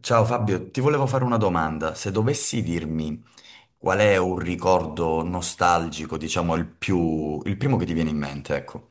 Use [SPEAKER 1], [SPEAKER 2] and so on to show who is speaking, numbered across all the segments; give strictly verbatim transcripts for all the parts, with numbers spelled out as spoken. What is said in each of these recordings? [SPEAKER 1] Ciao Fabio, ti volevo fare una domanda. Se dovessi dirmi qual è un ricordo nostalgico, diciamo il più, il primo che ti viene in mente, ecco.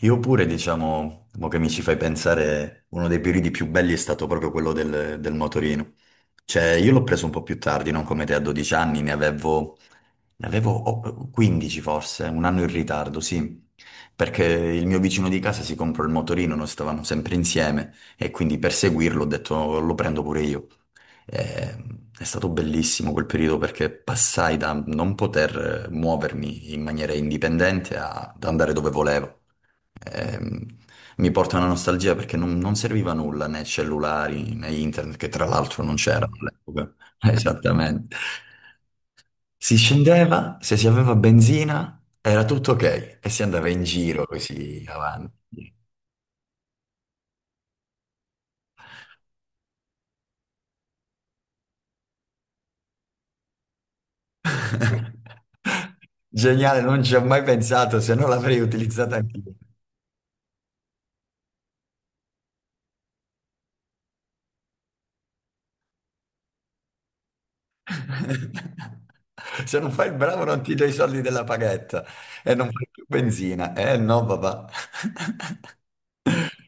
[SPEAKER 1] Io pure, diciamo, mo che mi ci fai pensare, uno dei periodi più belli è stato proprio quello del, del motorino. Cioè, io l'ho preso un po' più tardi, non come te a dodici anni, ne avevo, ne avevo oh, quindici forse, un anno in ritardo, sì. Perché il mio vicino di casa si comprò il motorino, noi stavamo sempre insieme e quindi per seguirlo ho detto lo prendo pure io. Eh, È stato bellissimo quel periodo perché passai da non poter eh, muovermi in maniera indipendente a- ad andare dove volevo ehm, mi porta una nostalgia perché non, non serviva nulla né cellulari né internet, che tra l'altro non c'erano all'epoca. Esattamente. Si scendeva, se si aveva benzina era tutto ok e si andava in giro così avanti. Geniale, non ci ho mai pensato, se no l'avrei utilizzata anch'io. Se non fai il bravo non ti do i soldi della paghetta e non fai più benzina. Eh no, papà.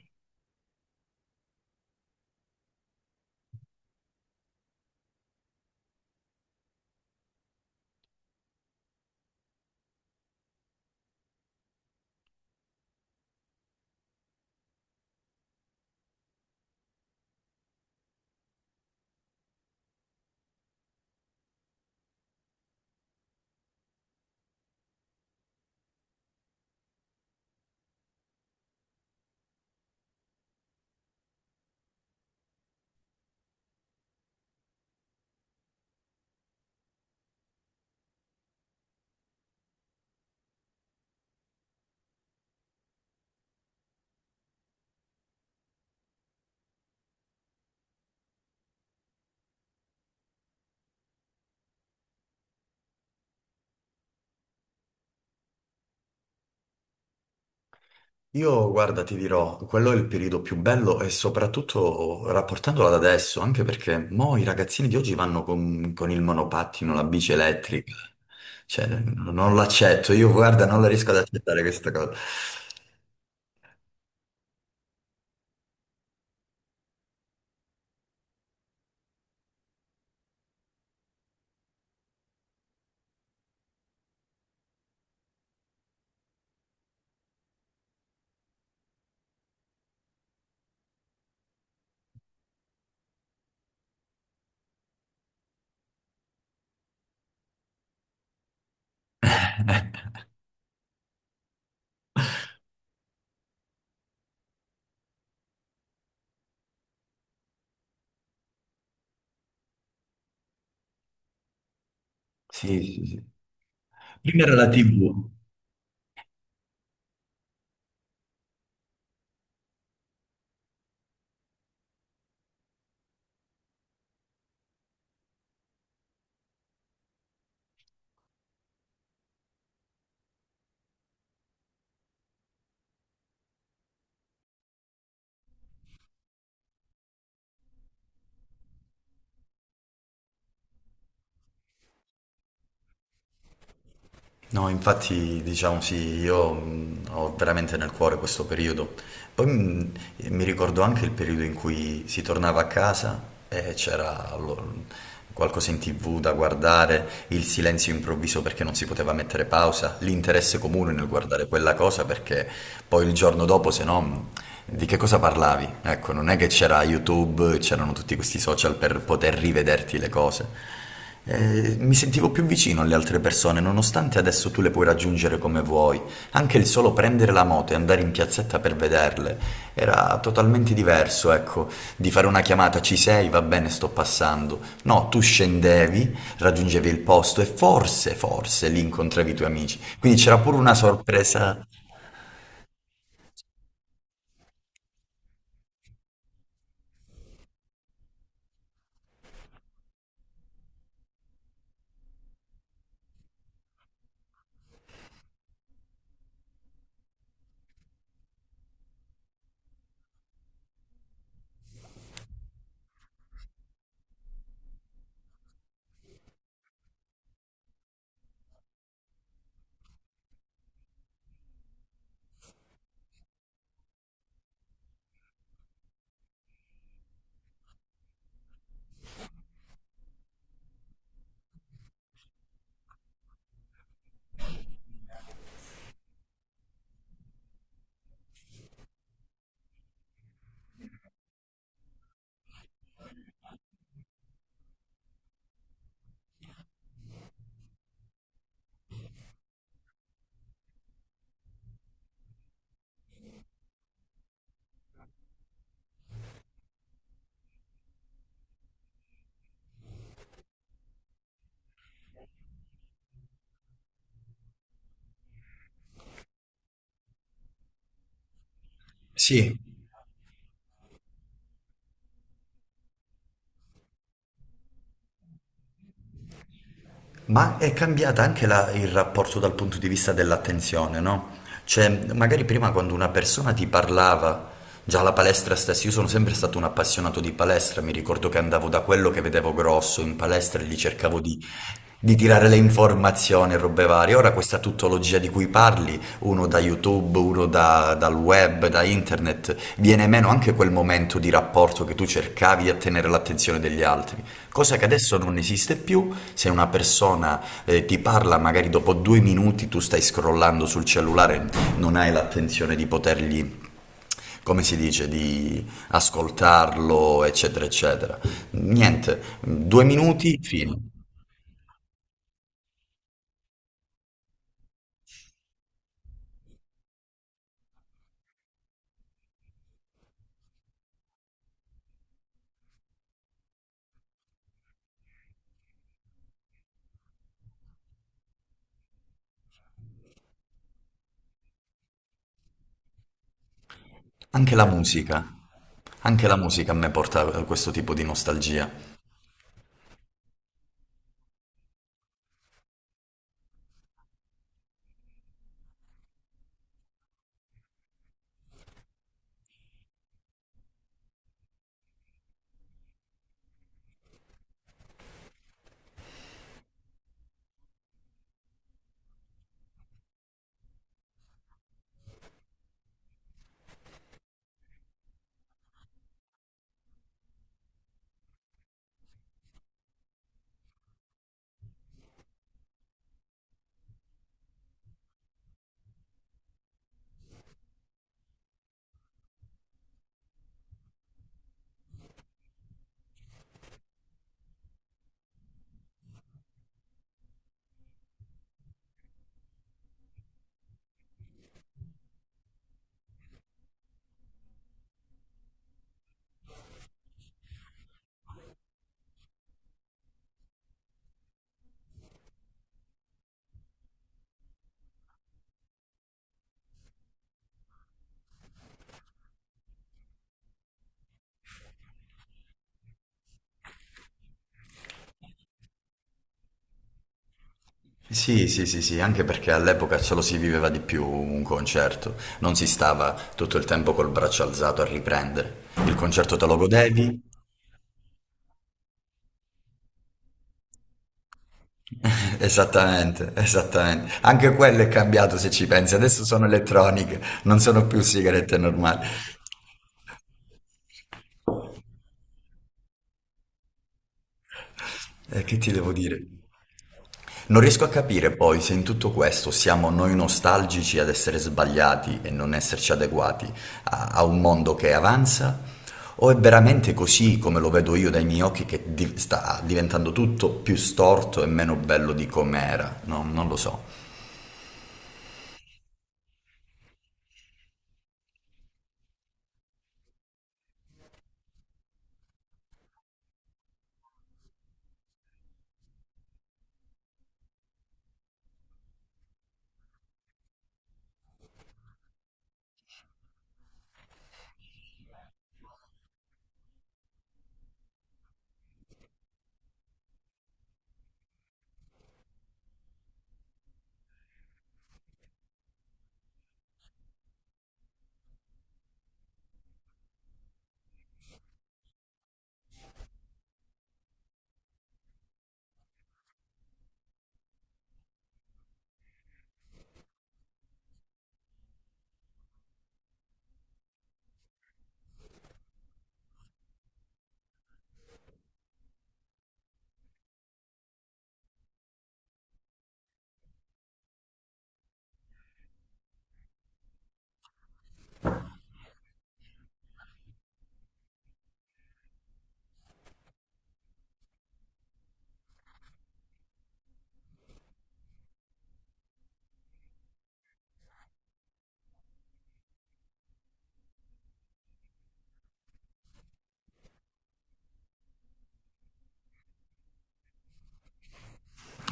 [SPEAKER 1] Io, guarda, ti dirò, quello è il periodo più bello e soprattutto rapportandolo ad adesso, anche perché mo i ragazzini di oggi vanno con, con il monopattino, la bici elettrica. Cioè, n- non l'accetto, io, guarda, non la riesco ad accettare questa cosa. Sì, sì, sì. Prima era la T V. No, infatti, diciamo sì, io mh, ho veramente nel cuore questo periodo. Poi mh, e mi ricordo anche il periodo in cui si tornava a casa e c'era lo- qualcosa in T V da guardare, il silenzio improvviso perché non si poteva mettere pausa, l'interesse comune nel guardare quella cosa perché poi il giorno dopo, se no, mm, di che cosa parlavi? Ecco, non è che c'era YouTube, c'erano tutti questi social per poter rivederti le cose. Eh, mi sentivo più vicino alle altre persone, nonostante adesso tu le puoi raggiungere come vuoi, anche il solo prendere la moto e andare in piazzetta per vederle era totalmente diverso, ecco, di fare una chiamata ci sei, va bene, sto passando. No, tu scendevi, raggiungevi il posto e forse, forse lì incontravi i tuoi amici. Quindi c'era pure una sorpresa. Sì, ma è cambiata anche la- il rapporto dal punto di vista dell'attenzione, no? Cioè, magari prima quando una persona ti parlava, già la palestra stessa, io sono sempre stato un appassionato di palestra, mi ricordo che andavo da quello che vedevo grosso in palestra e gli cercavo di, di tirare le informazioni e robe varie. Ora questa tuttologia di cui parli, uno da YouTube, uno da- dal web, da internet, viene meno anche quel momento di rapporto che tu cercavi di attenere l'attenzione degli altri, cosa che adesso non esiste più, se una persona eh, ti parla magari dopo due minuti tu stai scrollando sul cellulare, non hai l'attenzione di potergli come si dice, di ascoltarlo, eccetera, eccetera. Niente, due minuti, fine. Anche la musica, anche la musica a me porta a questo tipo di nostalgia. Sì, sì, sì, sì, anche perché all'epoca ce lo si viveva di più un concerto, non si stava tutto il tempo col braccio alzato a riprendere. Il concerto te lo godevi? Esattamente, esattamente. Anche quello è cambiato se ci pensi, adesso sono elettroniche, non sono più sigarette normali. Eh, che ti devo dire? Non riesco a capire poi se in tutto questo siamo noi nostalgici ad essere sbagliati e non esserci adeguati a, a un mondo che avanza, o è veramente così come lo vedo io dai miei occhi che di- sta diventando tutto più storto e meno bello di com'era? No, non lo so.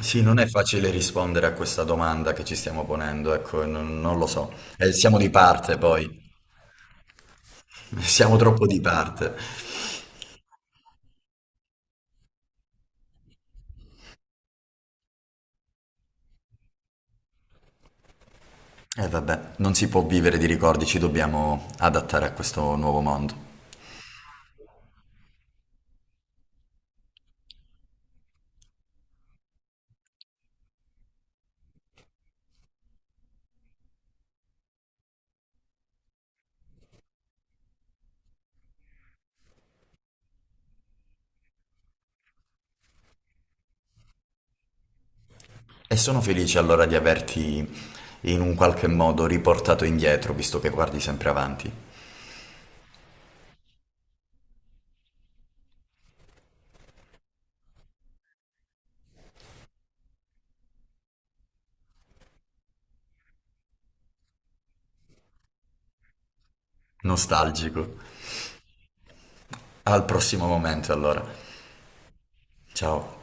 [SPEAKER 1] Sì, non è facile rispondere a questa domanda che ci stiamo ponendo, ecco, non, non lo so. Eh, siamo di parte poi, siamo troppo di parte. E vabbè, non si può vivere di ricordi, ci dobbiamo adattare a questo nuovo mondo. E sono felice allora di averti in un qualche modo riportato indietro, visto che guardi sempre avanti. Nostalgico. Al prossimo momento allora. Ciao.